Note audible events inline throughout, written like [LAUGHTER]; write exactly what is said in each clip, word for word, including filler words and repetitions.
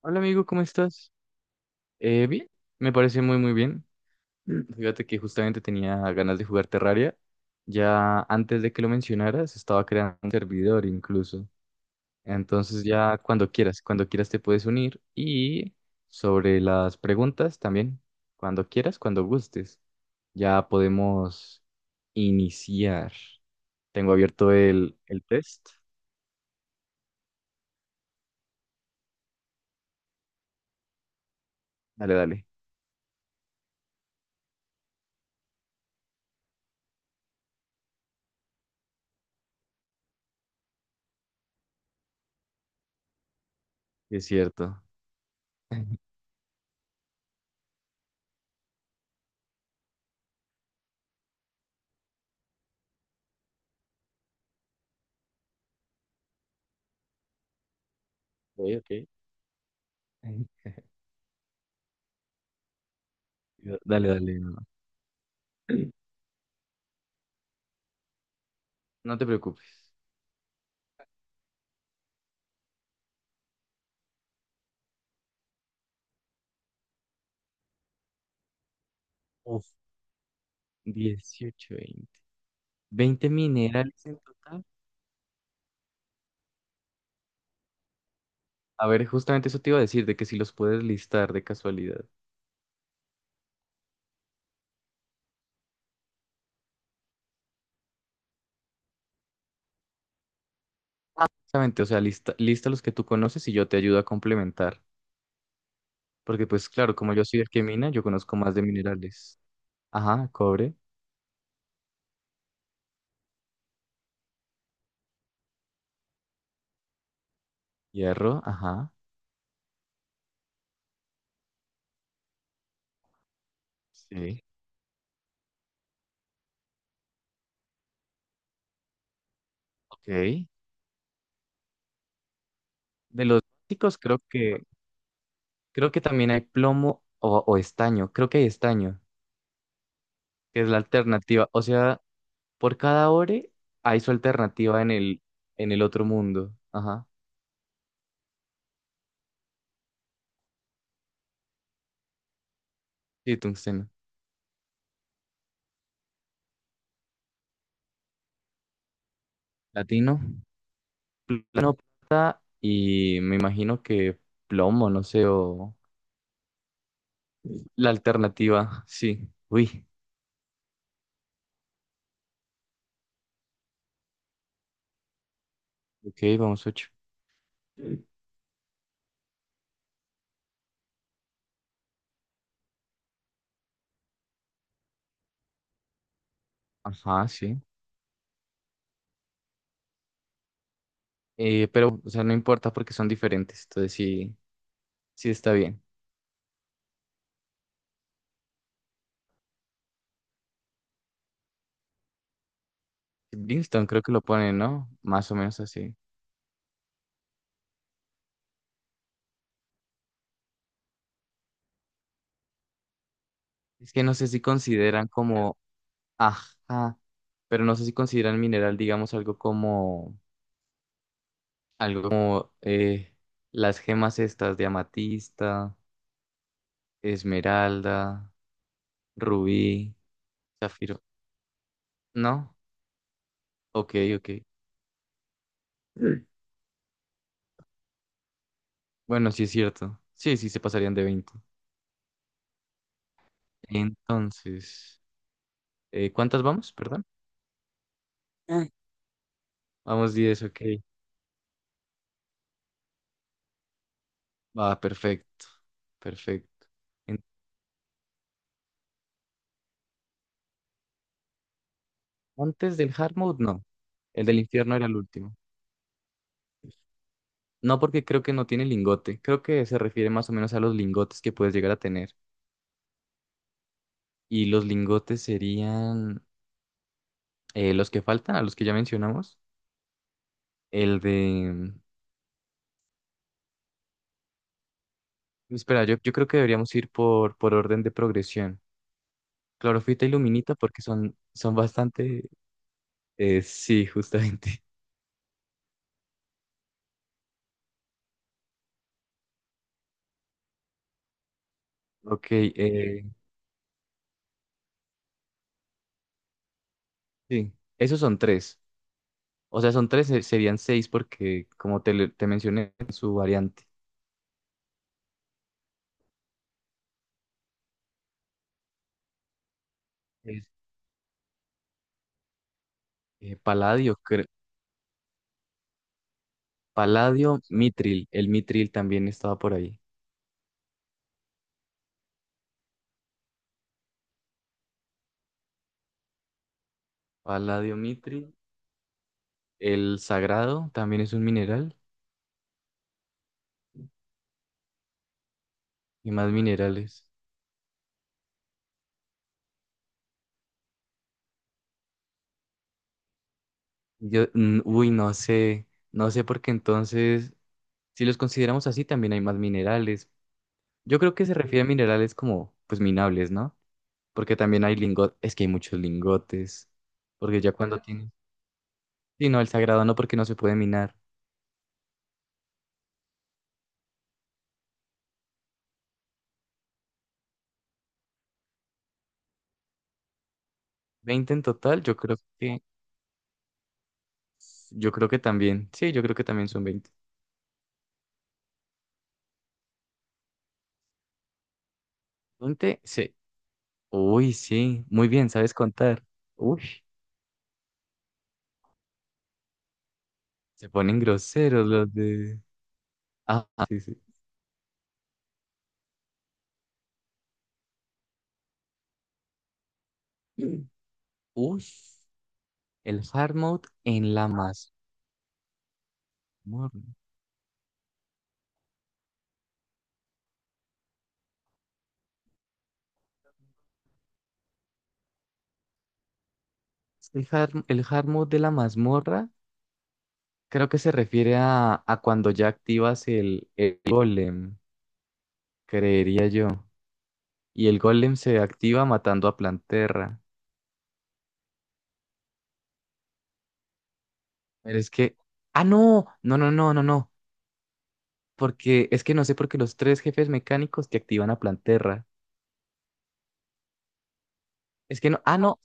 Hola amigo, ¿cómo estás? Eh, bien, me parece muy muy bien. Mm. Fíjate que justamente tenía ganas de jugar Terraria. Ya antes de que lo mencionaras, estaba creando un servidor incluso. Entonces ya cuando quieras, cuando quieras te puedes unir. Y sobre las preguntas también, cuando quieras, cuando gustes, ya podemos iniciar. Tengo abierto el, el test. Dale, dale, sí es cierto. [LAUGHS] Ok, ok. Dale, dale, no, no te preocupes. Uf. Dieciocho, veinte. Veinte minerales en total. A ver, justamente eso te iba a decir, de que si los puedes listar de casualidad. Exactamente, o sea, lista, lista los que tú conoces y yo te ayudo a complementar. Porque pues claro, como yo soy el que mina, yo conozco más de minerales. Ajá, cobre, hierro, ajá. Sí. Ok. De los básicos creo que, creo que también hay plomo o, o estaño. Creo que hay estaño, que es la alternativa. O sea, por cada ore hay su alternativa en el, en el otro mundo. Ajá. Sí, tungsteno. Latino. Latino, plata y me imagino que plomo, no sé, o la alternativa, sí. Uy, ok, vamos ocho. Ajá, sí. Eh, pero, o sea, no importa porque son diferentes, entonces sí, sí está bien. Livingston creo que lo ponen, ¿no? Más o menos así. Es que no sé si consideran como, ajá, pero no sé si consideran mineral, digamos, algo como, algo como eh, las gemas estas de amatista, esmeralda. Rubí, zafiro. ¿No? Ok, ok. Bueno, sí es cierto. Sí, sí se pasarían de veinte. Entonces, eh, ¿cuántas vamos? Perdón. Vamos diez, ok. Va, perfecto. Perfecto. En- Antes del hard mode, no. El del infierno era el último. No, porque creo que no tiene lingote. Creo que se refiere más o menos a los lingotes que puedes llegar a tener. Y los lingotes serían eh, los que faltan, a los que ya mencionamos. El de. Espera, yo, yo creo que deberíamos ir por, por orden de progresión. Clorofita y luminita porque son, son bastante. Eh, sí, justamente. [LAUGHS] Ok, eh, sí, esos son tres. O sea, son tres, eh, serían seis porque, como te, le- te mencioné, en su variante. Es, eh, paladio, cre- Paladio, mitril. El mitril también estaba por ahí. Paladio, mitril. El sagrado también es un mineral y más minerales. Yo, mm, uy, no sé, no sé porque entonces. Si los consideramos así, también hay más minerales. Yo creo que se refiere a minerales como, pues, minables, ¿no? Porque también hay lingotes, es que hay muchos lingotes, porque ya cuando tienes. Sí, no, el sagrado no, porque no se puede minar. Veinte en total, yo creo que, yo creo que también, sí, yo creo que también son veinte. Veinte, sí. Uy, sí, muy bien, sabes contar. Uy, se ponen groseros los de. Ah, ah, sí, sí. [CLEARS THROAT] Uy, el hard mode en la mazmorra. El hard, el hard mode de la mazmorra. Creo que se refiere a, a cuando ya activas el, el golem, creería yo. Y el golem se activa matando a Planterra. Pero es que. ¡Ah, no! No, no, no, no, no. Porque es que no sé por qué los tres jefes mecánicos te activan a Planterra. Es que no. Ah, no.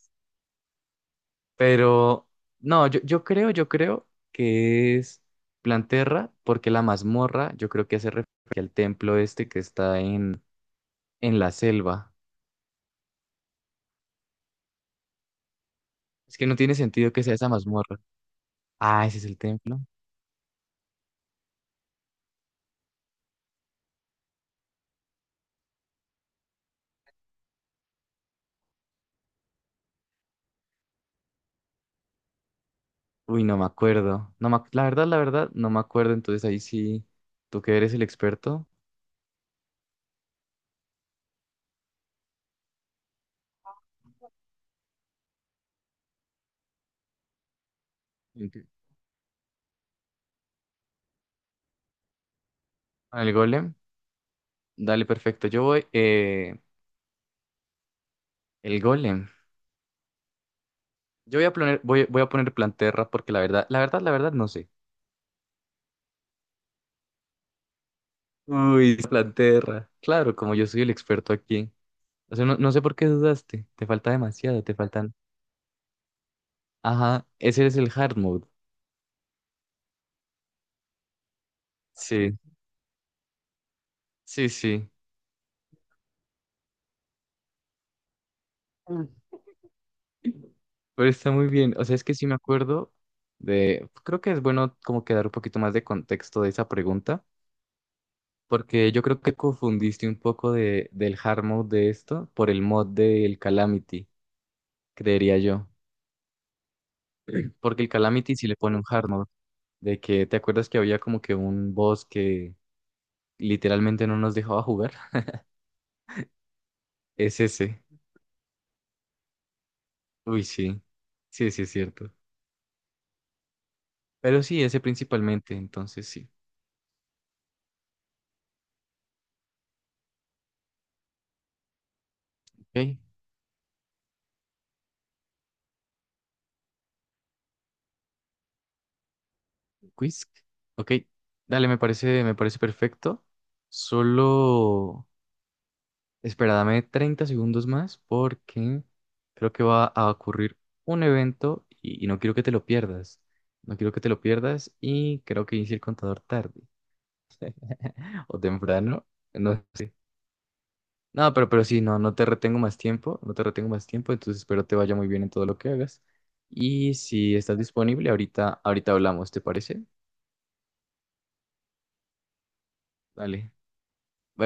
Pero. No, yo, yo creo, yo creo que es Planterra porque la mazmorra, yo creo que hace referencia al templo este que está en, en la selva. Es que no tiene sentido que sea esa mazmorra. Ah, ese es el templo. Uy, no me acuerdo. No me ac- la verdad, la verdad, no me acuerdo. Entonces ahí sí, tú que eres el experto. Enti- el golem. Dale, perfecto. Yo voy, eh, el golem. Yo voy a poner, voy, voy a poner Planterra porque la verdad, la verdad, la verdad, no sé. Uy, Planterra. Claro, como yo soy el experto aquí. O sea, no, no sé por qué dudaste. Te falta demasiado, te faltan. Ajá, ese es el hard mode. Sí, sí, sí. Pero está muy bien. O sea, es que sí me acuerdo de, creo que es bueno como que dar un poquito más de contexto de esa pregunta, porque yo creo que confundiste un poco de, del hard mode de esto por el mod del Calamity, creería yo. Porque el Calamity sí le pone un hard mode, de que te acuerdas que había como que un boss que literalmente no nos dejaba jugar. [LAUGHS] Es ese. Uy, sí. Sí, sí, es cierto. Pero sí, ese principalmente, entonces sí. Ok. Quiz. Ok, dale, me parece, me parece perfecto. Solo, espera, dame treinta segundos más porque creo que va a ocurrir un evento y, y no quiero que te lo pierdas. No quiero que te lo pierdas y creo que inicie el contador tarde [LAUGHS] o temprano. No sé. No, pero, pero sí, no, no te retengo más tiempo, no te retengo más tiempo, entonces espero te vaya muy bien en todo lo que hagas. Y si estás disponible, ahorita, ahorita hablamos, ¿te parece? Dale. Bye.